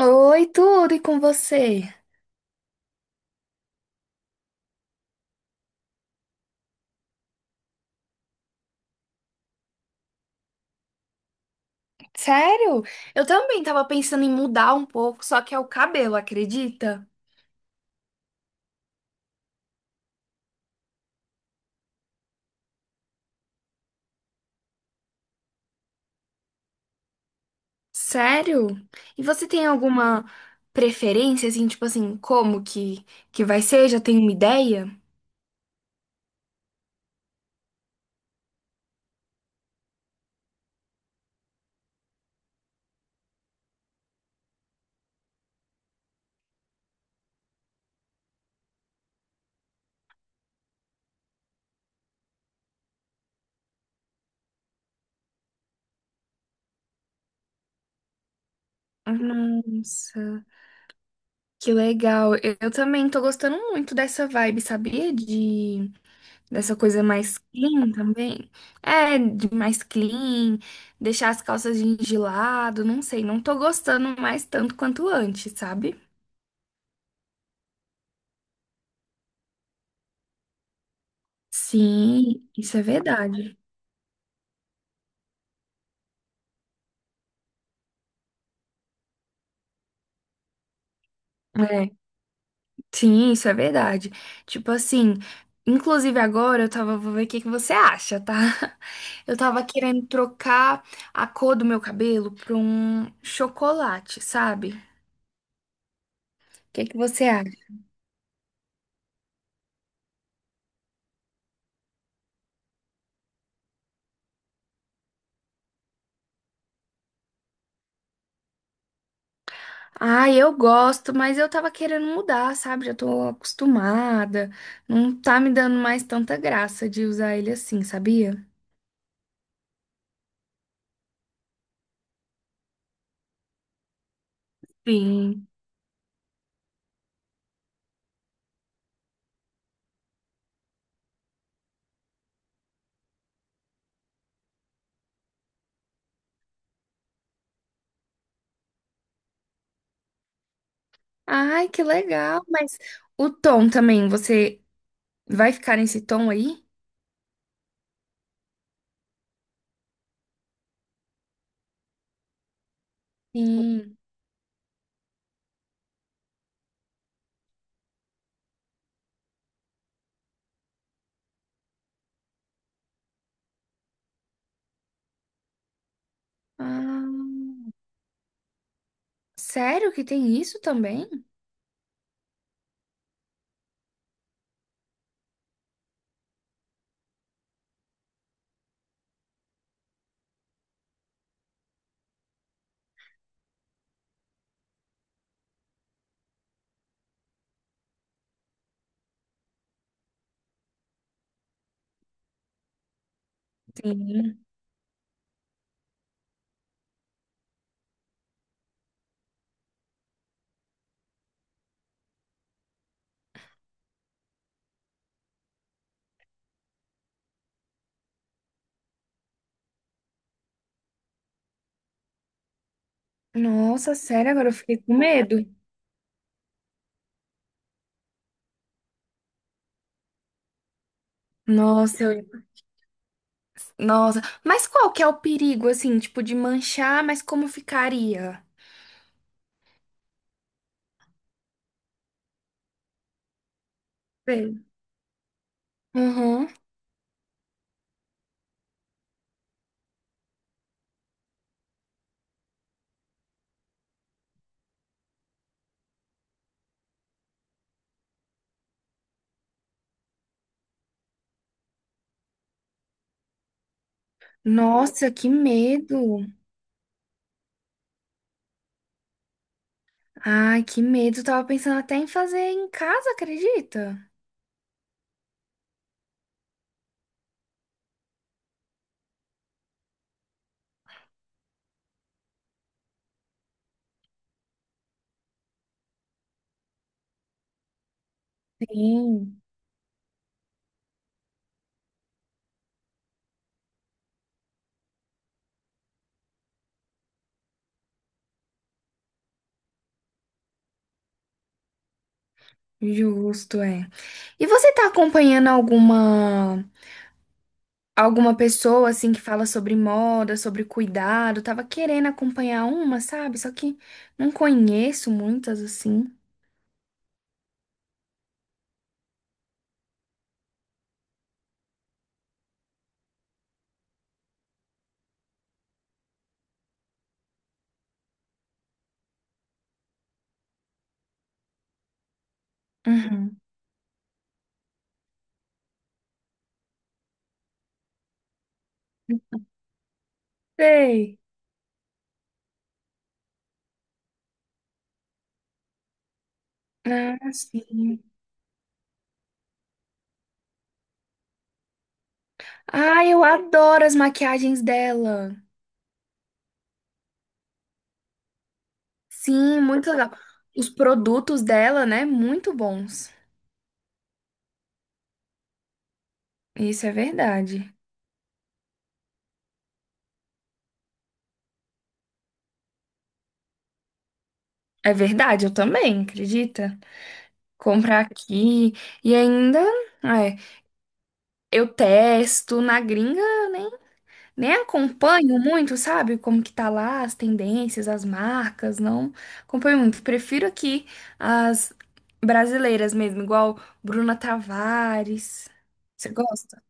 Oi, tudo e com você? Sério? Eu também tava pensando em mudar um pouco, só que é o cabelo, acredita? Sério? E você tem alguma preferência, assim, tipo assim, como que vai ser? Já tem uma ideia? Nossa, que legal. Eu também tô gostando muito dessa vibe, sabia? De dessa coisa mais clean também. É, de mais clean, deixar as calças jeans de lado, não sei. Não tô gostando mais tanto quanto antes, sabe? Sim, isso é verdade. É, sim, isso é verdade. Tipo assim, inclusive agora eu tava, vou ver o que que você acha, tá? Eu tava querendo trocar a cor do meu cabelo pra um chocolate, sabe? O que que você acha? Ah, eu gosto, mas eu tava querendo mudar, sabe? Já tô acostumada. Não tá me dando mais tanta graça de usar ele assim, sabia? Sim. Ai, que legal. Mas o tom também, você vai ficar nesse tom aí? Sim. Ah, sério que tem isso também? Sim. Nossa, sério, agora eu fiquei com medo. Nossa, eu... nossa. Mas qual que é o perigo, assim, tipo, de manchar, mas como ficaria? Sei. Uhum. Nossa, que medo! Ai, que medo! Tava pensando até em fazer em casa, acredita? Sim. Justo, é. E você tá acompanhando alguma alguma pessoa assim que fala sobre moda, sobre cuidado? Tava querendo acompanhar uma, sabe? Só que não conheço muitas assim. Uhum. Sei. Ah, sim. Ai, eu adoro as maquiagens dela. Sim, muito legal. Os produtos dela, né? Muito bons. Isso é verdade. É verdade, eu também, acredita? Comprar aqui e ainda, é, eu testo na gringa, eu nem, nem acompanho muito, sabe? Como que tá lá as tendências, as marcas, não acompanho muito. Prefiro aqui as brasileiras mesmo, igual Bruna Tavares. Você gosta?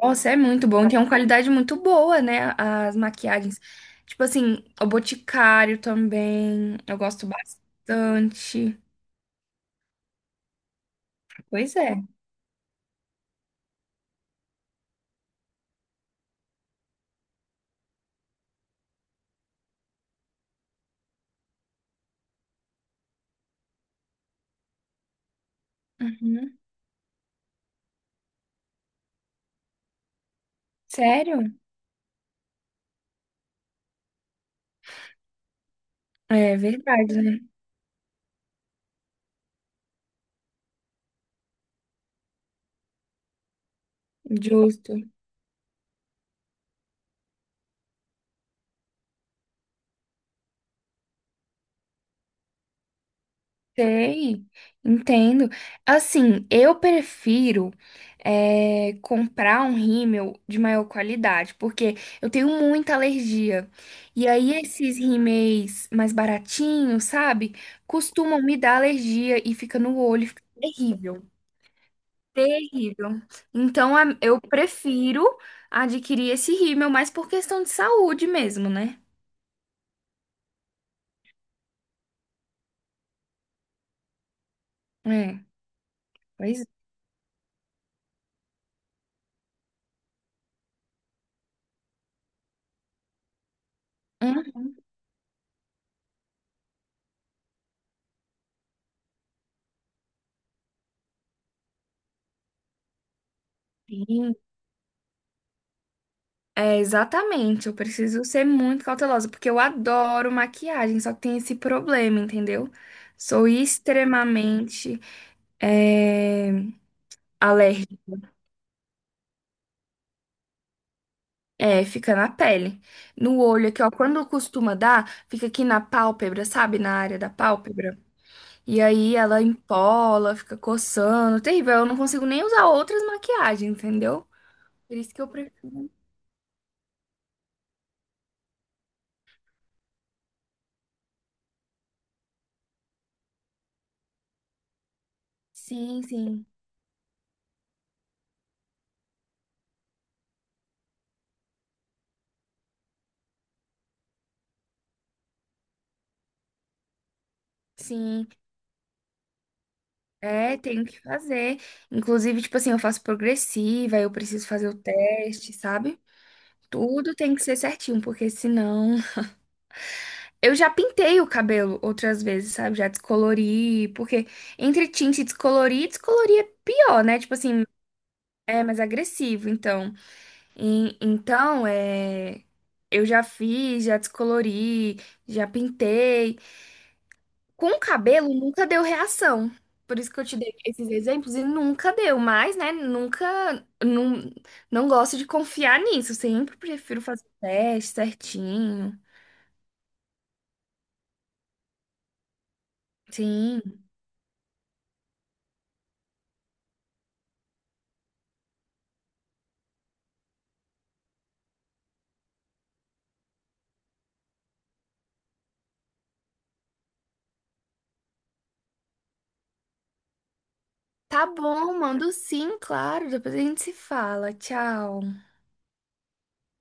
Nossa, é muito bom. Tem uma qualidade muito boa, né? As maquiagens. Tipo assim, o Boticário também. Eu gosto bastante. Pois é. Uhum. Sério? É verdade, né? Justo. Sei, entendo. Assim, eu prefiro comprar um rímel de maior qualidade, porque eu tenho muita alergia. E aí esses rímeis mais baratinhos, sabe? Costumam me dar alergia e fica no olho, fica terrível, terrível. Então eu prefiro adquirir esse rímel, mais por questão de saúde mesmo, né? É, pois é. É, exatamente. Eu preciso ser muito cautelosa, porque eu adoro maquiagem, só que tem esse problema, entendeu? Sou extremamente é, alérgica. É, fica na pele. No olho aqui, ó. Quando costuma dar, fica aqui na pálpebra, sabe? Na área da pálpebra. E aí ela empola, fica coçando. Terrível. Eu não consigo nem usar outras maquiagens, entendeu? Por isso que eu prefiro. Sim, sim. Sim. É, tenho que fazer. Inclusive, tipo assim, eu faço progressiva, eu preciso fazer o teste, sabe? Tudo tem que ser certinho, porque senão. Eu já pintei o cabelo outras vezes, sabe? Já descolori, porque entre tinte e descolorir, descolorir é pior, né? Tipo assim, é mais agressivo, então. Então, é. Eu já fiz, já descolori, já pintei. Com cabelo nunca deu reação. Por isso que eu te dei esses exemplos e nunca deu, mas, né, nunca, não, não gosto de confiar nisso. Sempre prefiro fazer o teste certinho. Sim. Tá bom, mando sim, claro. Depois a gente se fala. Tchau.